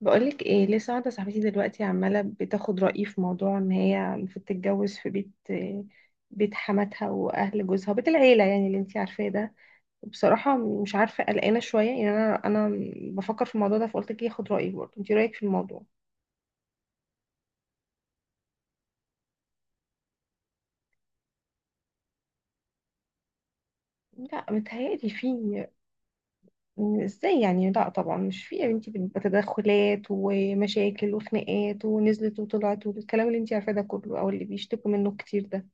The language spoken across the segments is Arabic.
بقولك ايه؟ لسه واحدة صاحبتي دلوقتي عمالة بتاخد رأيي في موضوع ان هي المفروض تتجوز في بيت حماتها واهل جوزها، بيت العيلة يعني، اللي انتي عارفاه ده. وبصراحة مش عارفة، قلقانة شوية يعني، انا بفكر في الموضوع ده، فقلت لك اخد رأيك برضه، انتي رأيك في الموضوع؟ لا، متهيألي في. ازاي يعني؟ لا طبعا مش في يا بنتي، بتبقى تدخلات ومشاكل وخناقات، ونزلت وطلعت، والكلام اللي انتي عارفاه ده كله، او اللي بيشتكوا منه كتير ده.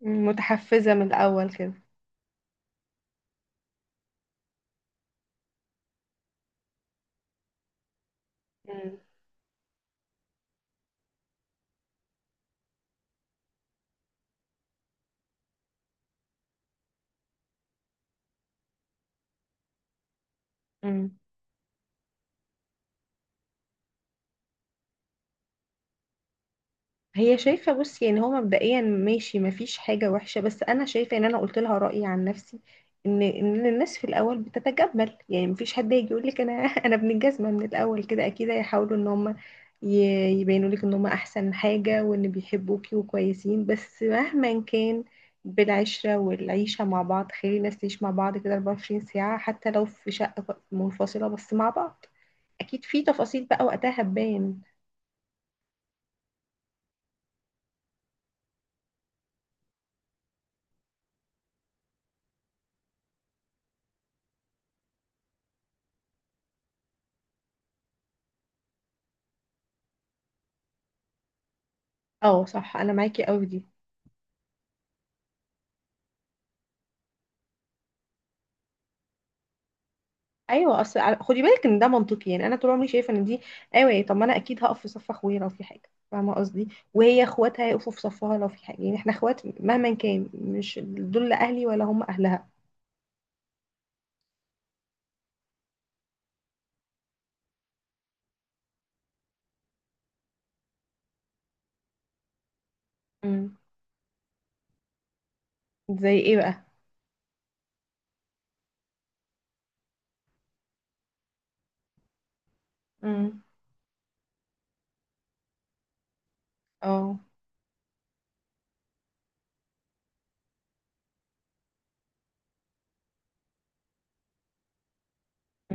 متحفزة من الأول كده. مم. مم. هي شايفة، بص يعني، هو مبدئيا ماشي، مفيش حاجة وحشة، بس أنا شايفة إن أنا قلت لها رأيي عن نفسي، إن الناس في الأول بتتجمل، يعني مفيش حد يجي يقول لك أنا أنا ابن الجزمة من الأول كده، أكيد هيحاولوا إن هم يبينوا لك إن هم أحسن حاجة، وإن بيحبوكي وكويسين، بس مهما كان بالعشرة والعيشة مع بعض، خلي الناس تعيش مع بعض كده 24 ساعة، حتى لو في شقة منفصلة، بس مع بعض. أكيد في تفاصيل بقى وقتها هتبان. اه صح، أنا معاكي أوي في دي. ايوه، اصل خدي بالك ان ده منطقي، يعني انا طول عمري شايفه ان دي. ايوه، طب ما انا اكيد هقف في صف اخويا لو في حاجه، فاهمه قصدي؟ وهي اخواتها هيقفوا في صفها لو في حاجه، يعني احنا اخوات مهما كان، مش دول لا اهلي ولا هم اهلها. امم. زي ايه بقى؟ امم. اه.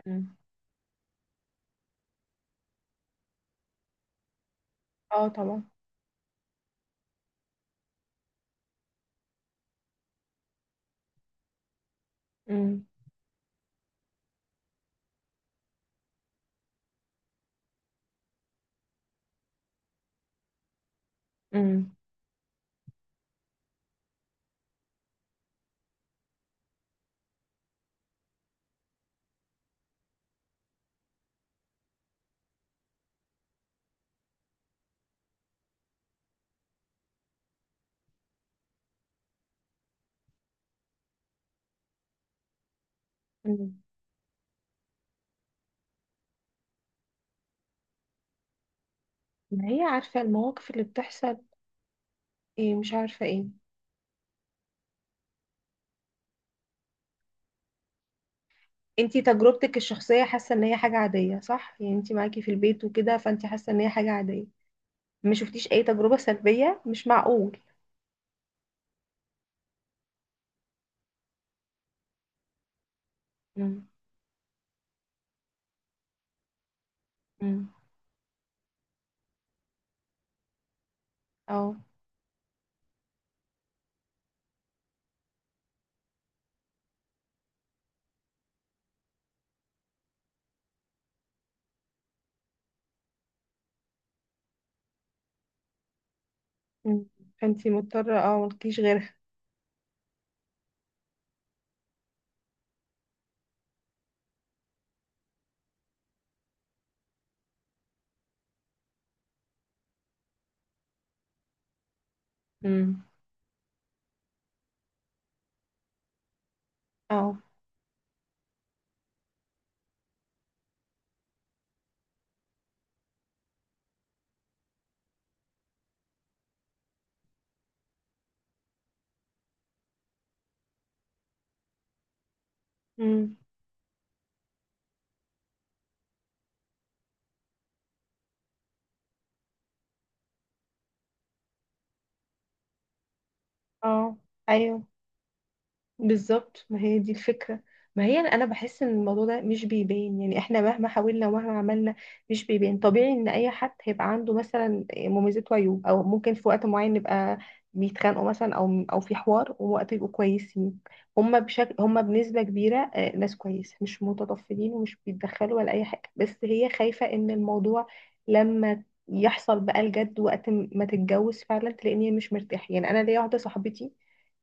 امم. اه طبعا. امم. امم. امم. ما هي عارفه المواقف اللي بتحصل. ايه مش عارفه ايه؟ انتي تجربتك الشخصيه حاسه ان هي حاجه عاديه صح؟ يعني انتي معاكي في البيت وكده، فانتي حاسه ان هي حاجه عاديه. ما شفتيش اي تجربة سلبية؟ مش معقول. مم. مم. اه. مم. فانتي مضطرة، اه، ملكيش غيرها. مم. اه. مم. اه. ايوه بالظبط، ما هي دي الفكرة. ما هي انا بحس ان الموضوع ده مش بيبان، يعني احنا مهما حاولنا ومهما عملنا مش بيبان. طبيعي ان اي حد هيبقى عنده مثلا مميزات وعيوب، او ممكن في وقت معين نبقى بيتخانقوا مثلا، او في حوار ووقت يبقوا كويسين. هما بنسبة كبيرة ناس كويسة، مش متطفلين ومش بيتدخلوا ولا اي حاجة، بس هي خايفة ان الموضوع لما يحصل بقى الجد، وقت ما تتجوز فعلا، تلاقيني مش مرتاحة. يعني انا ليا واحدة صاحبتي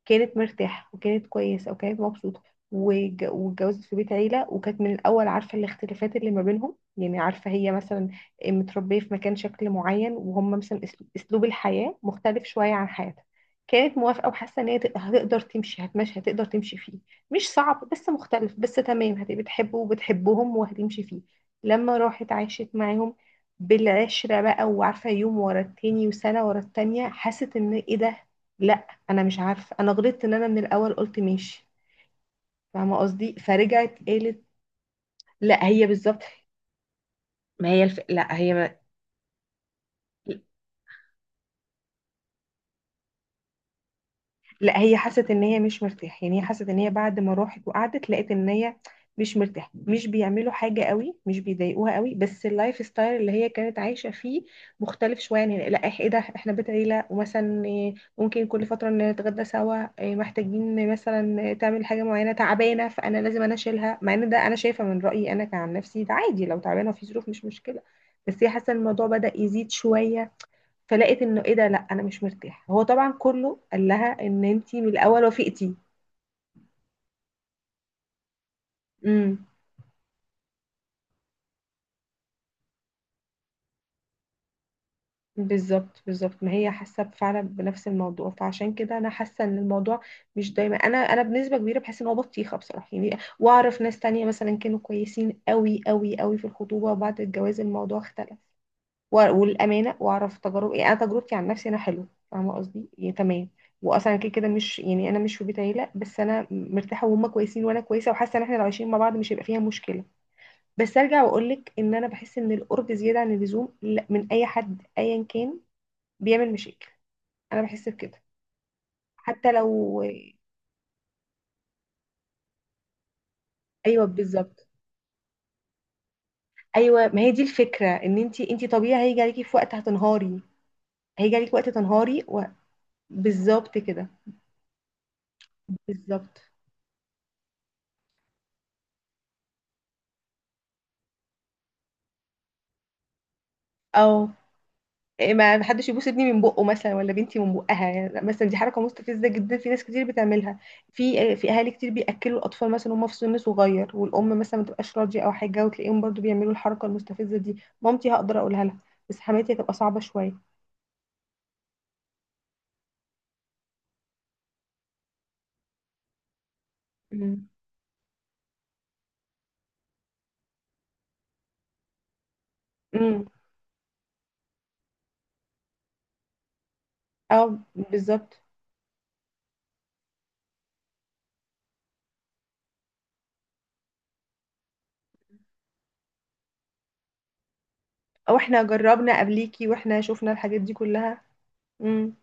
كانت مرتاحة وكانت كويسة وكانت مبسوطة، واتجوزت في بيت عيلة، وكانت من الأول عارفة الاختلافات اللي ما بينهم، يعني عارفة هي مثلا متربية في مكان شكل معين، وهم مثلا أسلوب الحياة مختلف شوية عن حياتها، كانت موافقة وحاسة إن هي هتقدر تمشي، هتقدر تمشي فيه، مش صعب بس مختلف، بس تمام، هتبقى بتحبه وبتحبهم وهتمشي فيه. لما راحت عاشت معاهم بالعشرة بقى، وعارفة يوم ورا التاني وسنة ورا التانية، حست إن إيه ده؟ لا، انا مش عارفه، انا غلطت ان انا من الاول قلت ماشي، فاهمه قصدي؟ فرجعت قالت لا، هي بالظبط. ما هي الف... لا، هي حست ان هي مش مرتاحه، يعني هي حست ان هي بعد ما راحت وقعدت لقيت ان هي مش مرتاحه، مش بيعملوا حاجه قوي، مش بيضايقوها قوي، بس اللايف ستايل اللي هي كانت عايشه فيه مختلف شويه، يعني لا، ايه ده؟ احنا بيت عيله، ومثلا إيه، ممكن كل فتره نتغدى سوا، إيه، محتاجين مثلا تعمل حاجه معينه، تعبانه فانا لازم انا اشيلها، مع ان ده انا شايفه من رايي انا كعن نفسي ده عادي، لو تعبانه في ظروف مش مشكله، بس هي حاسه إن الموضوع بدأ يزيد شويه. فلقيت انه ايه ده؟ لا انا مش مرتاح. هو طبعا كله قال لها ان انتي من الاول وافقتي. امم. بالظبط بالظبط، ما هي حاسه فعلا بنفس الموضوع، فعشان كده انا حاسه ان الموضوع مش دايما، انا بنسبه كبيره بحس ان هو بطيخه بصراحه، يعني واعرف ناس تانية مثلا كانوا كويسين قوي قوي قوي في الخطوبه، وبعد الجواز الموضوع اختلف، والامانه، واعرف تجارب، يعني انا تجربتي عن نفسي انا حلو، فاهمه قصدي؟ يعني تمام، واصلا كده كده مش، يعني انا مش في بيت عيله بس انا مرتاحه، وهم كويسين وانا كويسه، وحاسه ان احنا لو عايشين مع بعض مش هيبقى فيها مشكله. بس ارجع واقول لك ان انا بحس ان القرب زياده عن اللزوم من اي حد ايا كان بيعمل مشاكل. انا بحس بكده. حتى لو. ايوه بالظبط. ايوه ما هي دي الفكره، ان انت طبيعي هيجي عليكي في وقت هتنهاري، هيجي عليكي وقت تنهاري و... بالظبط كده. بالظبط. اه. إيه، ما حدش يبوس ابني من بقه مثلا ولا بنتي من بقها، يعني مثلا دي حركه مستفزه جدا في ناس كتير بتعملها. في اهالي كتير بياكلوا الاطفال مثلا وهم في سن صغير، والام مثلا ما تبقاش راضيه او حاجه، وتلاقيهم برضو بيعملوا الحركه المستفزه دي. مامتي هقدر اقولها لها، بس حماتي هتبقى صعبه شويه. مم. امم. اه بالظبط. او احنا جربنا قبليكي واحنا شفنا الحاجات دي كلها. امم.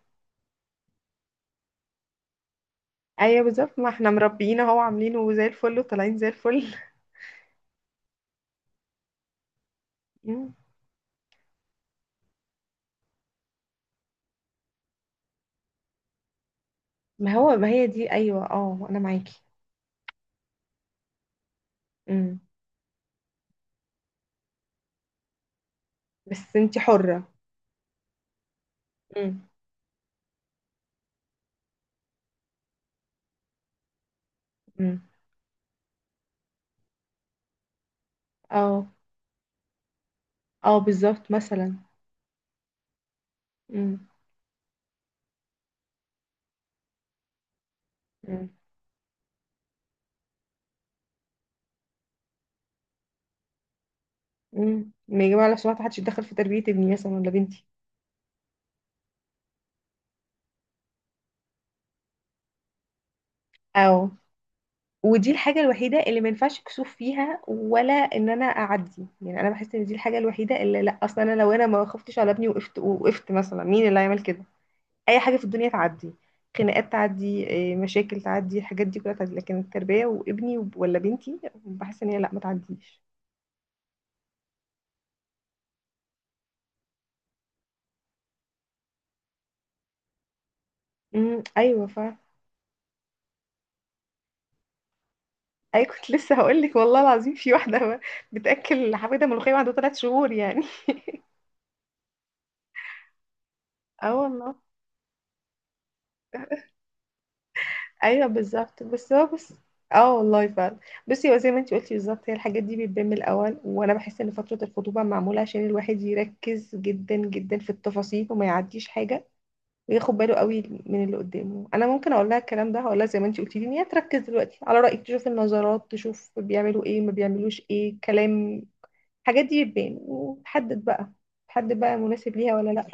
ايوه بالظبط، ما احنا مربيين اهو، عاملينه زي الفل وطالعين زي الفل. مم. ما هي دي، ايوه، اه انا معاكي. مم. بس انتي حرة. امم. مم. اه. اه بالظبط مثلا. مم. مم. مم. ما يجب على، بصراحة محدش يتدخل في تربية ابني مثلا ولا بنتي. اه. ودي الحاجة الوحيدة اللي ما ينفعش كسوف فيها، ولا ان انا اعدي، يعني انا بحس ان دي الحاجة الوحيدة اللي لا، اصلا انا لو انا ما خفتش على ابني، وقفت مثلا، مين اللي هيعمل كده؟ اي حاجة في الدنيا تعدي، خناقات تعدي، إيه، مشاكل تعدي، الحاجات دي كلها تعدي، لكن التربية وابني ولا بنتي، بحس ان هي لا، ما تعديش. مم. ايوه، اي كنت لسه هقول لك، والله العظيم في واحده بتاكل حبيبه ملوخيه وعندها 3 شهور يعني. اه والله. ايوه بالظبط، بس هو بس. اه والله فعلا. بصي هو زي ما انت قلتي بالظبط، هي الحاجات دي بتبان من الاول، وانا بحس ان فتره الخطوبه معموله عشان الواحد يركز جدا جدا في التفاصيل، وما يعديش حاجه، وياخد باله قوي من اللي قدامه. انا ممكن اقول لها الكلام ده، هقول لها زي ما انت قلتي لي ان هي تركز دلوقتي على رايك، تشوف النظرات، تشوف بيعملوا ايه، ما بيعملوش ايه، كلام. الحاجات دي تحدد بقى تحدد بقى مناسب ليها ولا لا.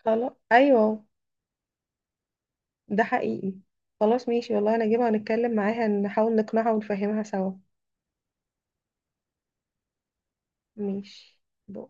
خلاص. ايوه. ده حقيقي. خلاص ماشي، والله انا اجيبها ونتكلم معاها، نحاول نقنعها ونفهمها سوا. ماشي. بو.